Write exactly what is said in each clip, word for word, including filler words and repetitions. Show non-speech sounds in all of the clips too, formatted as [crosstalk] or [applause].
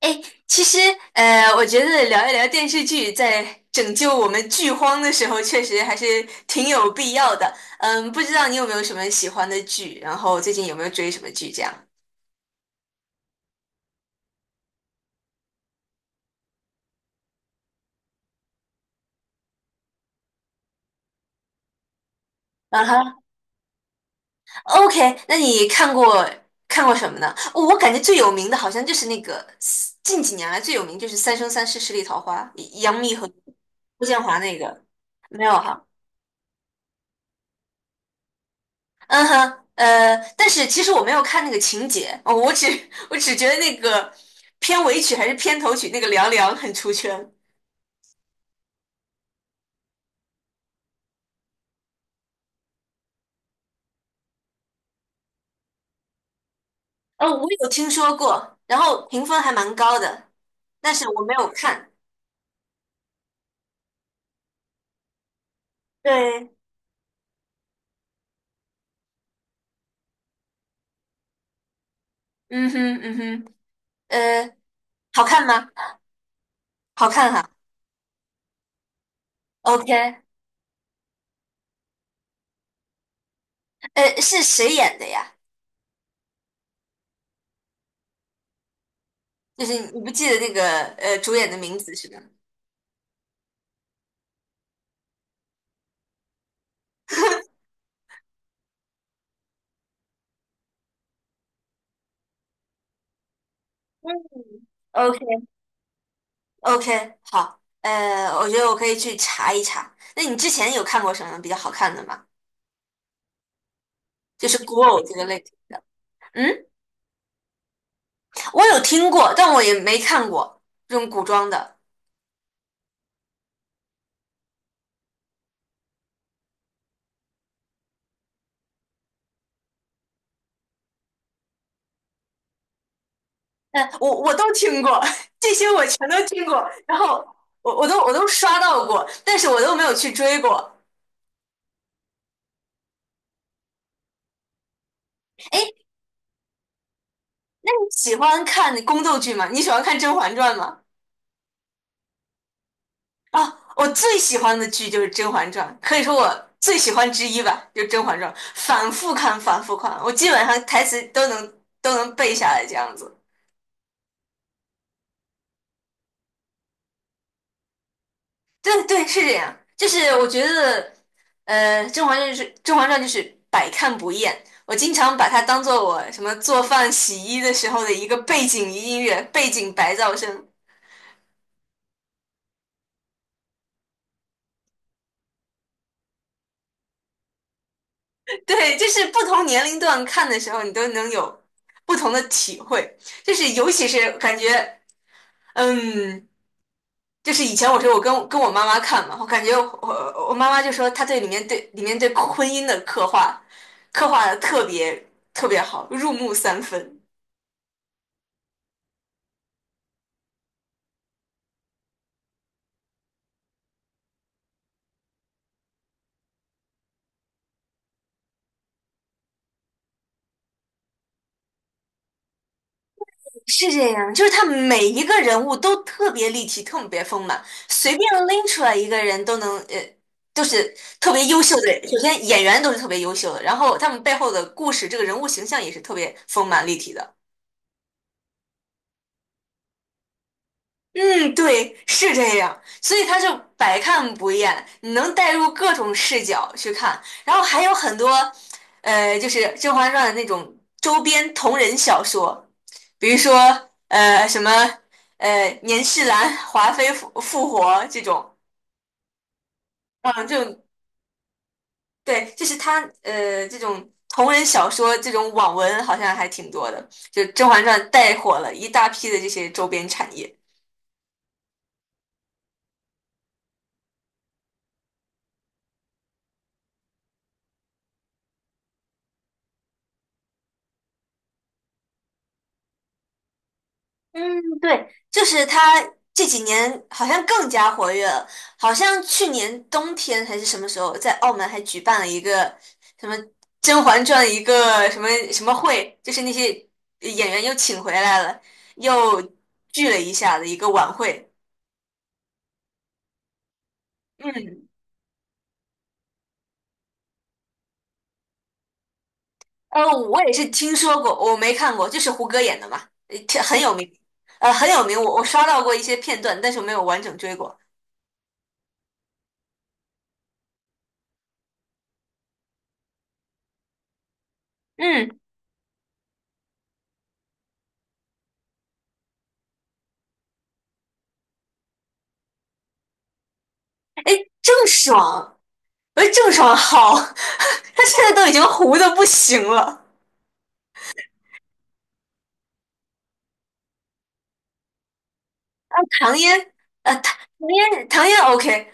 哎，其实，呃，我觉得聊一聊电视剧，在拯救我们剧荒的时候，确实还是挺有必要的。嗯，不知道你有没有什么喜欢的剧，然后最近有没有追什么剧这样？啊哈，OK，那你看过看过什么呢？哦我感觉最有名的好像就是那个近几年来最有名就是《三生三世十里桃花》，杨幂和顾建华那个，没有哈？嗯哼，呃，但是其实我没有看那个情节，哦，我只 [laughs] 我只觉得那个片尾曲还是片头曲那个凉凉很出圈。哦，我有听说过，然后评分还蛮高的，但是我没有看。对，嗯哼，嗯哼，呃，好看吗？好看哈。OK，呃，是谁演的呀？就是你不记得那个呃主演的名字是吧？嗯 OK OK，好，呃，我觉得我可以去查一查。那你之前有看过什么比较好看的吗？就是古偶这个类型的。嗯，我有听过，但我也没看过这种古装的。但我我都听过，[laughs] 这些我全都听过，然后我我都我都刷到过，但是我都没有去追过。哎，那你喜欢看宫斗剧吗？你喜欢看《甄嬛传》吗？啊，我最喜欢的剧就是《甄嬛传》，可以说我最喜欢之一吧，就是《甄嬛传》，反复看，反复看，我基本上台词都能都能背下来这样子。对对，是这样。就是我觉得，呃，《甄嬛传》就是《甄嬛传》就是百看不厌。我经常把它当做我什么做饭、洗衣的时候的一个背景音乐、背景白噪声。对，就是不同年龄段看的时候，你都能有不同的体会。就是尤其是感觉，嗯，就是以前我说我跟跟我妈妈看嘛，我感觉我我我妈妈就说她对里面对里面对婚姻的刻画，刻画的特别特别好，入木三分。是这样，就是他每一个人物都特别立体，特别丰满，随便拎出来一个人都能，呃，都是特别优秀的人。首先演员都是特别优秀的，然后他们背后的故事，这个人物形象也是特别丰满立体的。嗯，对，是这样，所以他就百看不厌，你能带入各种视角去看，然后还有很多，呃，就是《甄嬛传》的那种周边同人小说，比如说呃什么呃年世兰、华妃复复活这种，嗯，这种对，就是他呃这种同人小说这种网文好像还挺多的，就《甄嬛传》带火了一大批的这些周边产业。嗯，对，就是他这几年好像更加活跃了，好像去年冬天还是什么时候，在澳门还举办了一个什么《甄嬛传》一个什么什么会，就是那些演员又请回来了，又聚了一下的一个晚会。嗯，呃，我也是听说过，我没看过，就是胡歌演的嘛，呃挺很有名，呃，很有名，我我刷到过一些片段，但是我没有完整追过。嗯，哎，郑爽。我郑爽好，[laughs] 她现在都已经糊的不行了。唐嫣，呃，唐唐嫣，唐嫣 OK。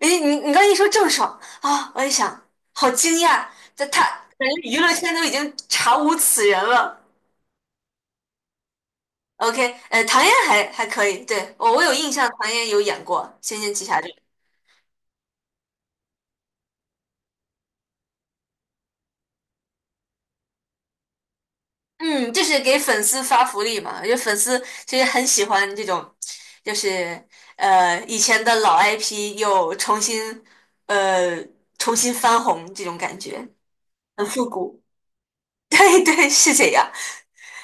你你你刚一说郑爽啊，我一想，好惊讶，这她感觉娱乐圈都已经查无此人了。OK，呃，唐嫣还还可以，对，我我有印象，唐嫣有演过《仙剑奇侠传》。嗯，就是给粉丝发福利嘛，因为粉丝其实很喜欢这种，就是呃以前的老 I P 又重新呃重新翻红这种感觉，很复古。[laughs] 对对，是这样。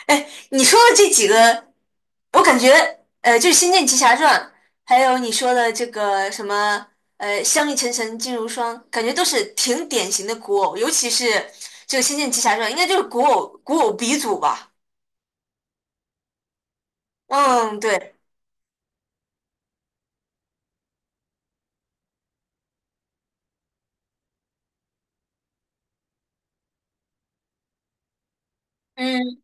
哎，你说的这几个，我感觉呃就是《仙剑奇侠传》，还有你说的这个什么呃“香蜜沉沉烬如霜"，感觉都是挺典型的古偶，尤其是这个《仙剑奇侠传》，应该就是古偶古偶鼻祖吧。嗯，对。嗯，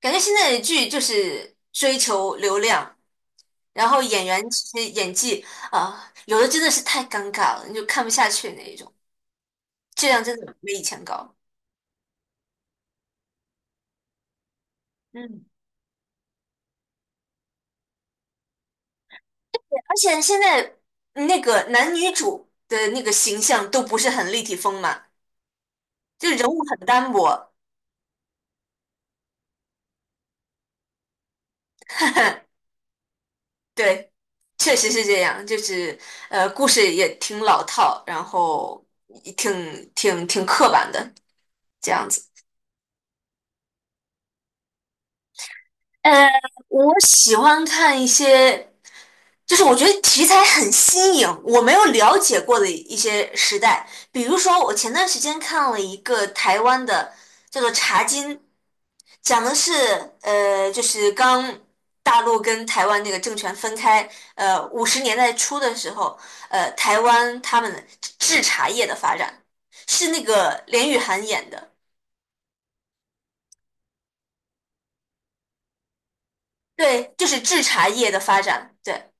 感觉现在的剧就是追求流量，然后演员其实演技啊，有的真的是太尴尬了，你就看不下去那一种，质量真的没以前高。嗯，而且现在那个男女主的那个形象都不是很立体丰满，就人物很单薄。[laughs] 对，确实是这样，就是呃，故事也挺老套，然后也挺挺挺刻板的这样子。呃，我喜欢看一些，就是我觉得题材很新颖，我没有了解过的一些时代。比如说，我前段时间看了一个台湾的，叫做《茶经》，讲的是呃，就是刚大陆跟台湾那个政权分开，呃，五十年代初的时候，呃，台湾他们的制茶业的发展，是那个连俞涵演的，对，就是制茶业的发展。对。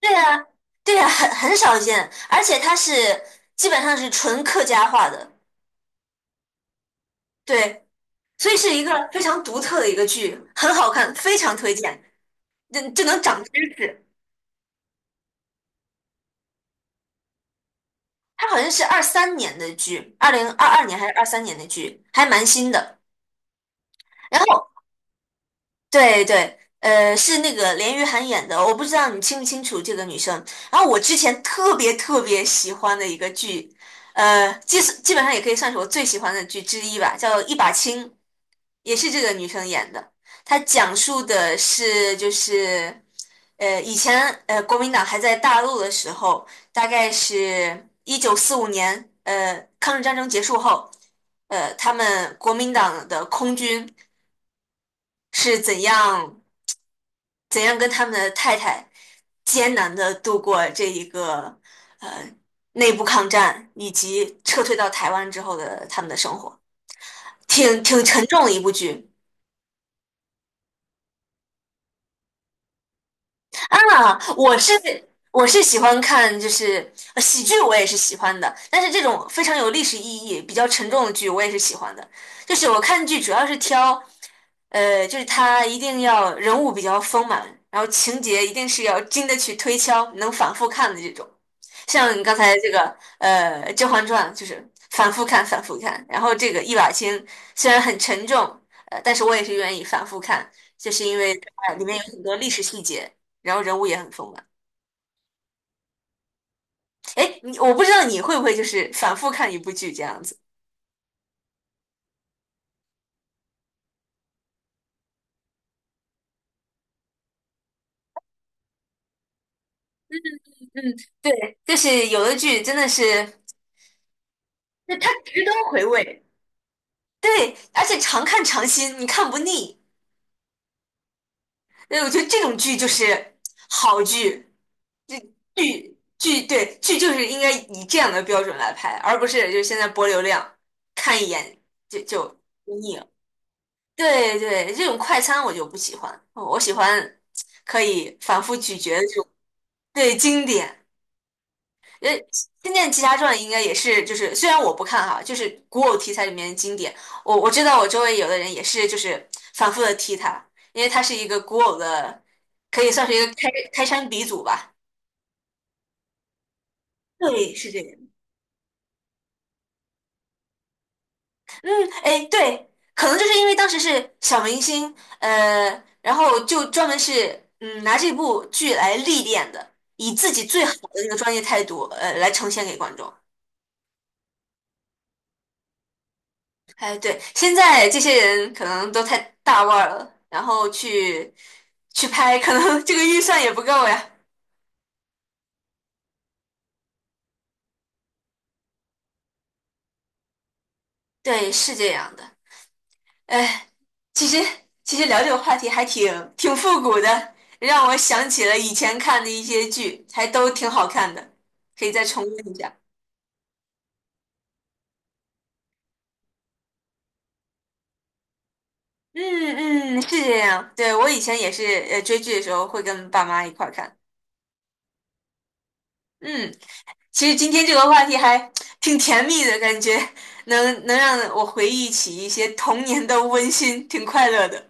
对呀对呀，很很少见，而且它是基本上是纯客家话的，对，所以是一个非常独特的一个剧，很好看，非常推荐，这就能长知识。它好像是二三年的剧，二零二二年还是二三年的剧，还蛮新的。然后，对对，呃，是那个连俞涵演的，我不知道你清不清楚这个女生。然后我之前特别特别喜欢的一个剧，呃，基基本上也可以算是我最喜欢的剧之一吧，叫《一把青》。也是这个女生演的。她讲述的是就是，呃，以前呃国民党还在大陆的时候，大概是一九四五年，呃，抗日战争结束后，呃，他们国民党的空军是怎样怎样跟他们的太太艰难的度过这一个呃内部抗战，以及撤退到台湾之后的他们的生活，挺挺沉重的一部剧。啊，我是我是喜欢看，就是呃喜剧，我也是喜欢的。但是这种非常有历史意义、比较沉重的剧，我也是喜欢的。就是我看剧主要是挑，呃，就是它一定要人物比较丰满，然后情节一定是要经得起推敲，能反复看的这种。像你刚才这个，呃，《甄嬛传》就是反复看、反复看。然后这个一把青虽然很沉重，呃，但是我也是愿意反复看，就是因为它里面有很多历史细节。然后人物也很丰满。哎，你我不知道你会不会就是反复看一部剧这样子。嗯，对，就是有的剧真的是，那它值得回味。对，而且常看常新，你看不腻。对，我觉得这种剧就是好剧，这剧剧对剧就是应该以这样的标准来拍，而不是就是现在博流量，看一眼就就腻了。对对，这种快餐我就不喜欢，我喜欢可以反复咀嚼的这种对经典。呃，《仙剑奇侠传》应该也是，就是虽然我不看哈，就是古偶题材里面的经典。我我知道我周围有的人也是，就是反复的提它，因为它是一个古偶的，可以算是一个开开山鼻祖吧。对，是这样。嗯，哎，对，可能就是因为当时是小明星，呃，然后就专门是嗯拿这部剧来历练的，以自己最好的那个专业态度，呃，来呈现给观众。哎，对，现在这些人可能都太大腕儿了，然后去去拍，可能这个预算也不够呀。对，是这样的。哎，其实其实聊这个话题还挺挺复古的，让我想起了以前看的一些剧，还都挺好看的，可以再重温一下。嗯嗯，是这样。对，我以前也是，呃，追剧的时候会跟爸妈一块儿看。嗯，其实今天这个话题还 [tsk] 挺甜蜜的感觉，能能让我回忆起一些童年的温馨，挺快乐的。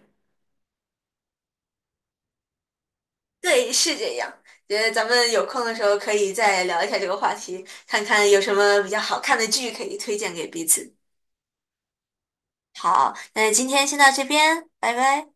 对，是这样。觉得咱们有空的时候可以再聊一下这个话题，看看有什么比较好看的剧可以推荐给彼此。好，那今天先到这边，拜拜。